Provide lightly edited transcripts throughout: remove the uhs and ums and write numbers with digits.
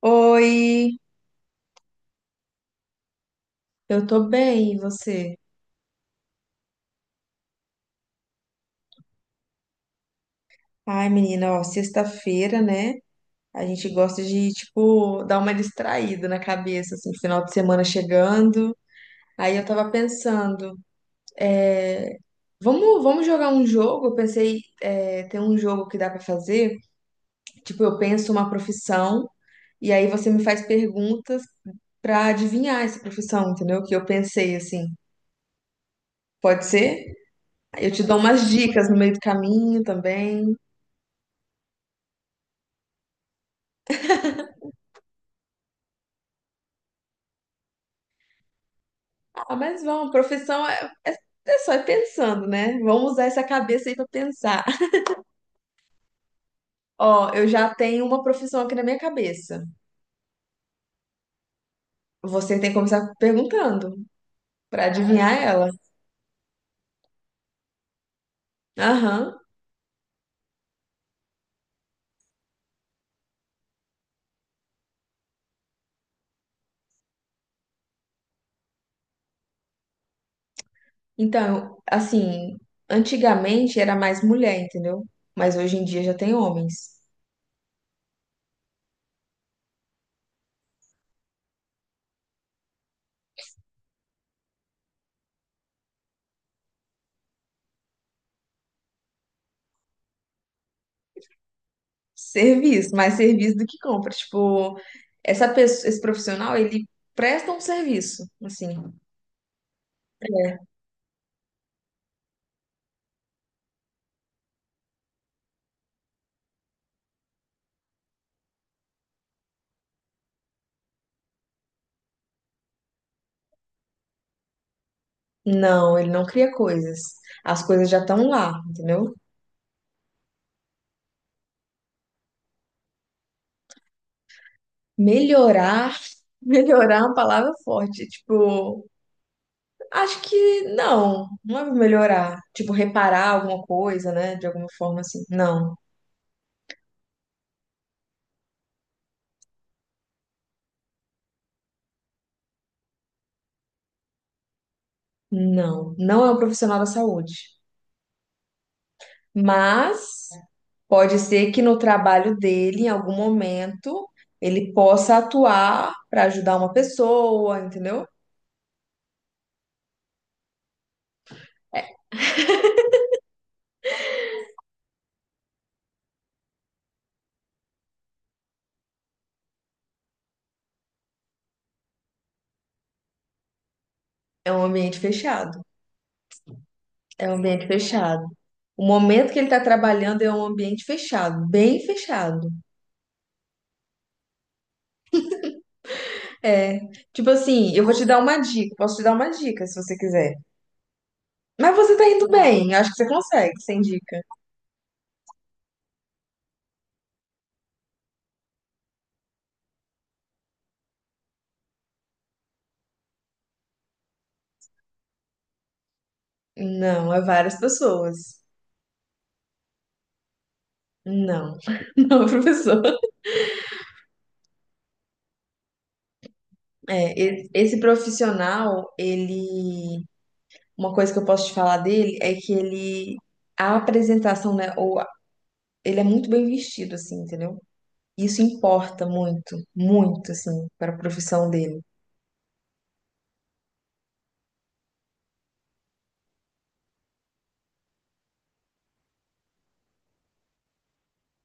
Oi, eu tô bem, e você? Ai, menina, ó, sexta-feira, né? A gente gosta de, tipo, dar uma distraída na cabeça, assim, final de semana chegando. Aí eu tava pensando, é, vamos jogar um jogo? Eu pensei, tem um jogo que dá pra fazer. Tipo, eu penso uma profissão e aí você me faz perguntas pra adivinhar essa profissão, entendeu? Que eu pensei, assim, pode ser? Aí eu te dou umas dicas no meio do caminho também. Ah, mas vamos, profissão é só ir pensando, né? Vamos usar essa cabeça aí pra pensar. Ó, eu já tenho uma profissão aqui na minha cabeça. Você tem que começar perguntando pra adivinhar ela. Aham. Então, assim, antigamente era mais mulher, entendeu? Mas hoje em dia já tem homens. Serviço, mais serviço do que compra. Tipo, essa pessoa, esse profissional, ele presta um serviço, assim. É. Não, ele não cria coisas. As coisas já estão lá, entendeu? Melhorar, melhorar é uma palavra forte. Tipo, acho que não, não é melhorar. Tipo, reparar alguma coisa, né? De alguma forma assim. Não, não. Não é um profissional da saúde. Mas pode ser que no trabalho dele, em algum momento, ele possa atuar para ajudar uma pessoa, entendeu? É um ambiente fechado. É um ambiente fechado. O momento que ele está trabalhando é um ambiente fechado, bem fechado. É, tipo assim, eu vou te dar uma dica, posso te dar uma dica se você quiser. Mas você tá indo bem, acho que você consegue, sem dica. Não, é várias pessoas. Não, não, é professor. É, esse profissional, ele, uma coisa que eu posso te falar dele é que ele, a apresentação, né, ele é muito bem vestido, assim, entendeu? Isso importa muito, muito, assim, para a profissão dele.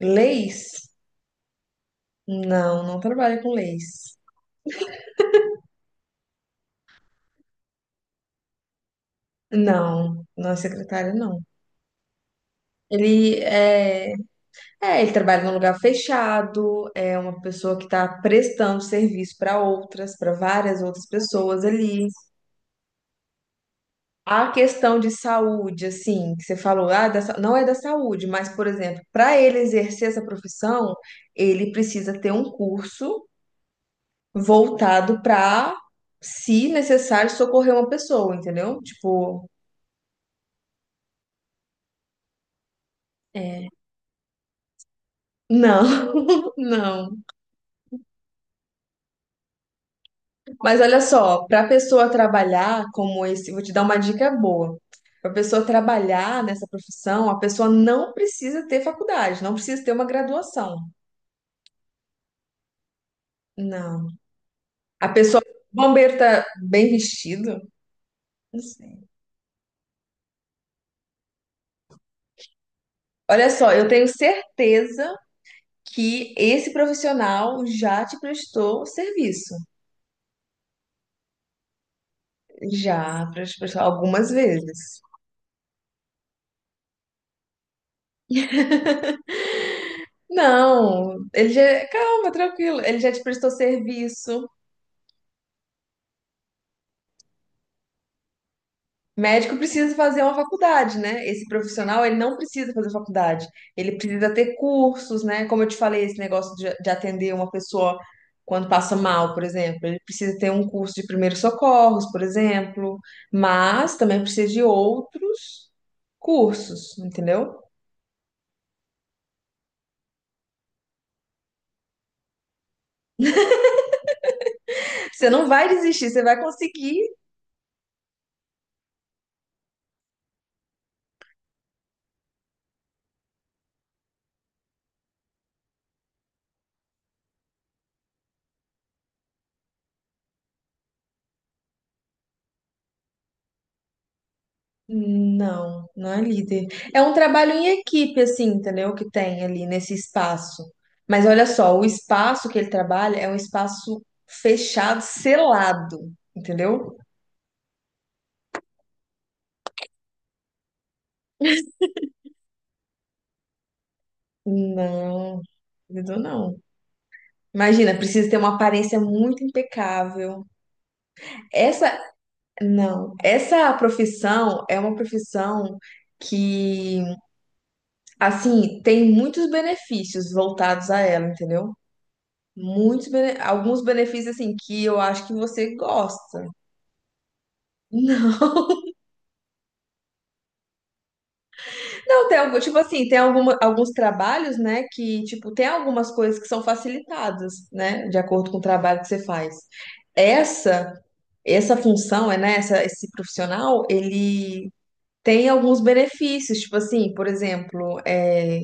Leis? Não, não trabalha com leis. Não, não é secretário, não. Ele é, ele trabalha num lugar fechado, é uma pessoa que está prestando serviço para outras, para várias outras pessoas ali. A questão de saúde, assim, que você falou, não é da saúde, mas, por exemplo, para ele exercer essa profissão, ele precisa ter um curso voltado para, se necessário, socorrer uma pessoa, entendeu? Tipo, é, não, não. Mas olha só, para a pessoa trabalhar como esse, vou te dar uma dica boa. Para a pessoa trabalhar nessa profissão, a pessoa não precisa ter faculdade, não precisa ter uma graduação. Não. A pessoa, o bombeiro tá bem vestido? Não sei. Olha só, eu tenho certeza que esse profissional já te prestou serviço. Já te prestou algumas vezes. Não, ele já. Calma, tranquilo. Ele já te prestou serviço. Médico precisa fazer uma faculdade, né? Esse profissional, ele não precisa fazer faculdade. Ele precisa ter cursos, né? Como eu te falei, esse negócio de atender uma pessoa quando passa mal, por exemplo. Ele precisa ter um curso de primeiros socorros, por exemplo. Mas também precisa de outros cursos, entendeu? Você não vai desistir, você vai conseguir. Não, não é líder. É um trabalho em equipe, assim, entendeu? Que tem ali nesse espaço. Mas olha só, o espaço que ele trabalha é um espaço fechado, selado, entendeu? Não, líder não. Imagina, precisa ter uma aparência muito impecável. Essa, não, essa profissão é uma profissão que, assim, tem muitos benefícios voltados a ela, entendeu? Alguns benefícios, assim, que eu acho que você gosta. Não. Não, tem algum, tipo assim, tem alguma, alguns trabalhos, né, que, tipo, tem algumas coisas que são facilitadas, né, de acordo com o trabalho que você faz. Essa, essa função, né, esse profissional, ele tem alguns benefícios, tipo assim, por exemplo,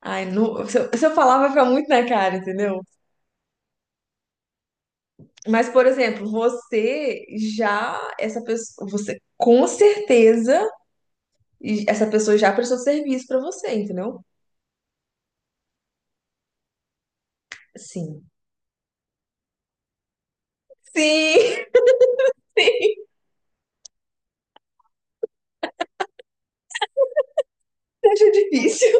Ai, não... se eu falar vai ficar muito na cara, entendeu? Mas, por exemplo, você já, essa pessoa, você com certeza. E essa pessoa já prestou serviço pra você, entendeu? Sim. Sim, sim, acho difícil.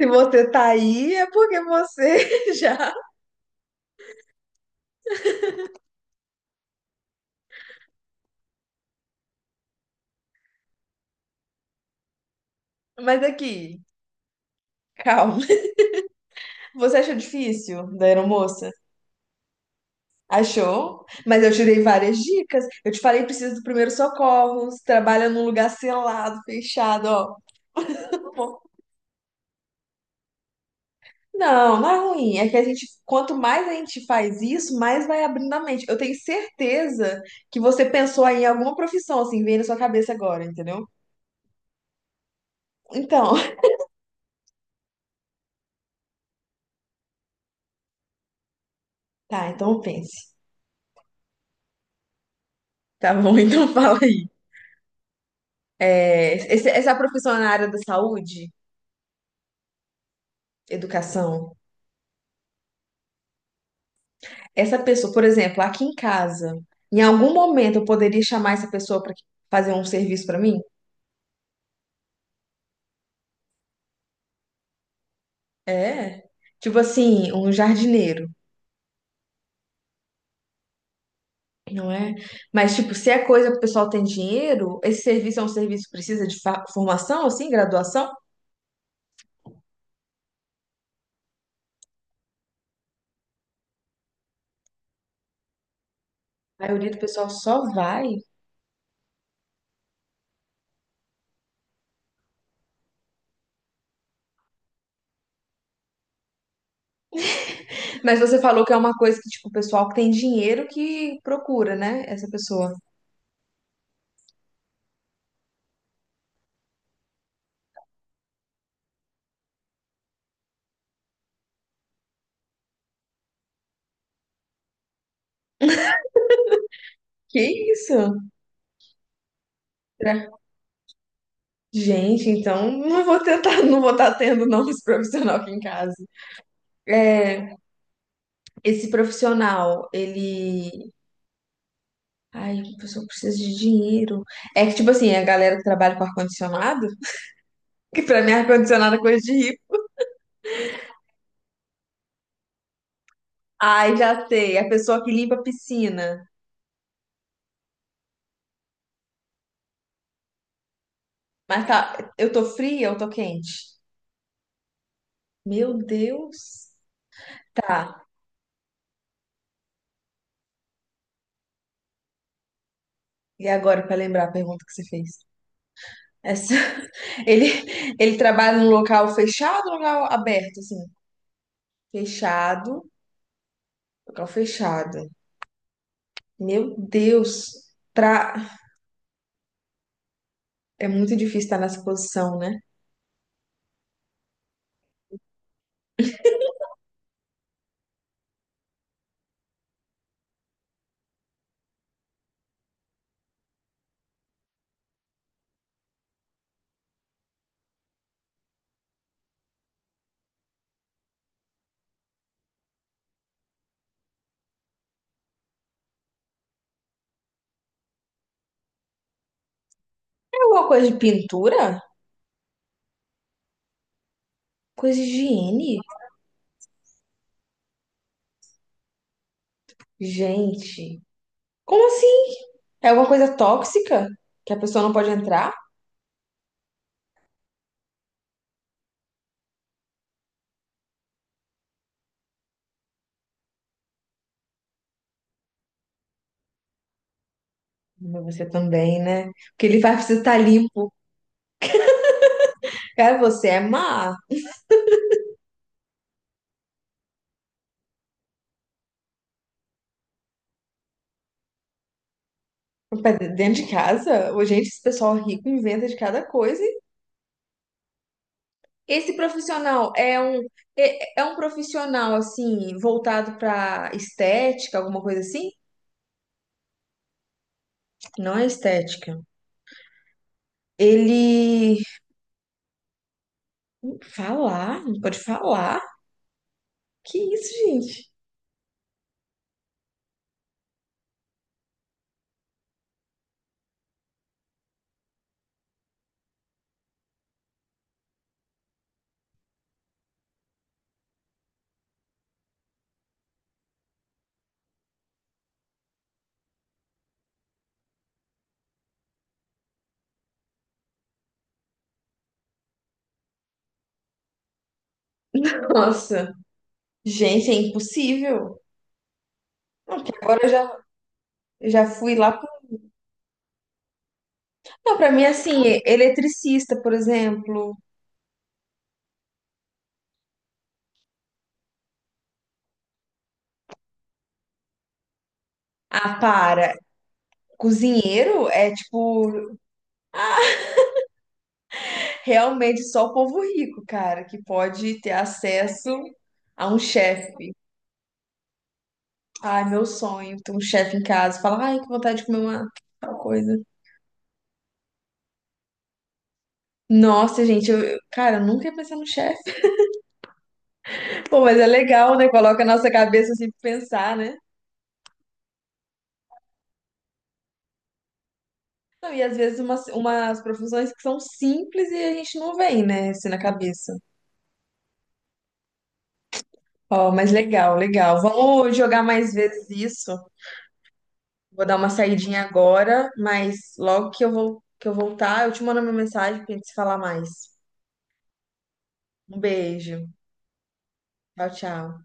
Se você tá aí, é porque você já. Mas aqui, calma. Você achou difícil da aeromoça? Achou? Mas eu tirei várias dicas. Eu te falei, precisa do primeiro socorro, trabalha num lugar selado, fechado, ó. Não, não é ruim. É que a gente, quanto mais a gente faz isso, mais vai abrindo a mente. Eu tenho certeza que você pensou aí em alguma profissão, assim, veio na sua cabeça agora, entendeu? Então, tá, então pense. Tá bom, então fala aí. É, essa profissão na área da saúde, educação, essa pessoa, por exemplo, aqui em casa, em algum momento eu poderia chamar essa pessoa para fazer um serviço para mim? É. Tipo assim, um jardineiro. Não é? Mas, tipo, se é coisa que o pessoal tem dinheiro, esse serviço é um serviço que precisa de formação, assim, graduação? A maioria do pessoal só vai. Mas você falou que é uma coisa que, tipo, o pessoal que tem dinheiro que procura, né? Essa pessoa. Que isso? Será- Gente, então não vou tentar, não vou estar tendo não esse profissional aqui em casa. É, esse profissional, ele. Ai, a pessoa precisa de dinheiro. É que, tipo assim, a galera que trabalha com ar-condicionado, que pra mim ar-condicionado é coisa de rico. Ai, já sei. A pessoa que limpa a piscina. Mas tá, eu tô fria ou tô quente? Meu Deus. Tá. E agora, pra lembrar a pergunta que você fez? Essa... Ele, ele trabalha num local fechado ou local aberto, assim? Fechado, local fechado. Meu Deus. Pra... É muito difícil estar nessa posição, né? É alguma coisa de pintura? Coisa de higiene? Gente, como assim? É alguma coisa tóxica que a pessoa não pode entrar? Mas você também, né? Porque ele vai precisar estar limpo. Cara, você é má. Pra dentro de casa, ô, gente, esse pessoal rico inventa de cada coisa. E Esse profissional é um, é um profissional, assim, voltado pra estética, alguma coisa assim? Não é estética. Ele... Falar? Não pode falar? Que isso, gente? Nossa. Gente, é impossível. Agora eu já fui lá. Não, pra mim, assim, eletricista, por exemplo. Ah, para. Cozinheiro é, tipo, realmente só o povo rico, cara, que pode ter acesso a um chefe. Ai, meu sonho, ter um chefe em casa. Fala, ai, que vontade de comer uma tal coisa. Nossa, gente, cara, eu nunca ia pensar no chefe. Pô, mas é legal, né? Coloca a nossa cabeça assim pra pensar, né? Não, e às vezes umas profissões que são simples e a gente não vem, né? Assim na cabeça. Ó, mas legal, legal. Vamos jogar mais vezes isso. Vou dar uma saidinha agora, mas logo que eu vou, que eu voltar, eu te mando uma mensagem pra gente se falar mais. Um beijo. Tchau, tchau.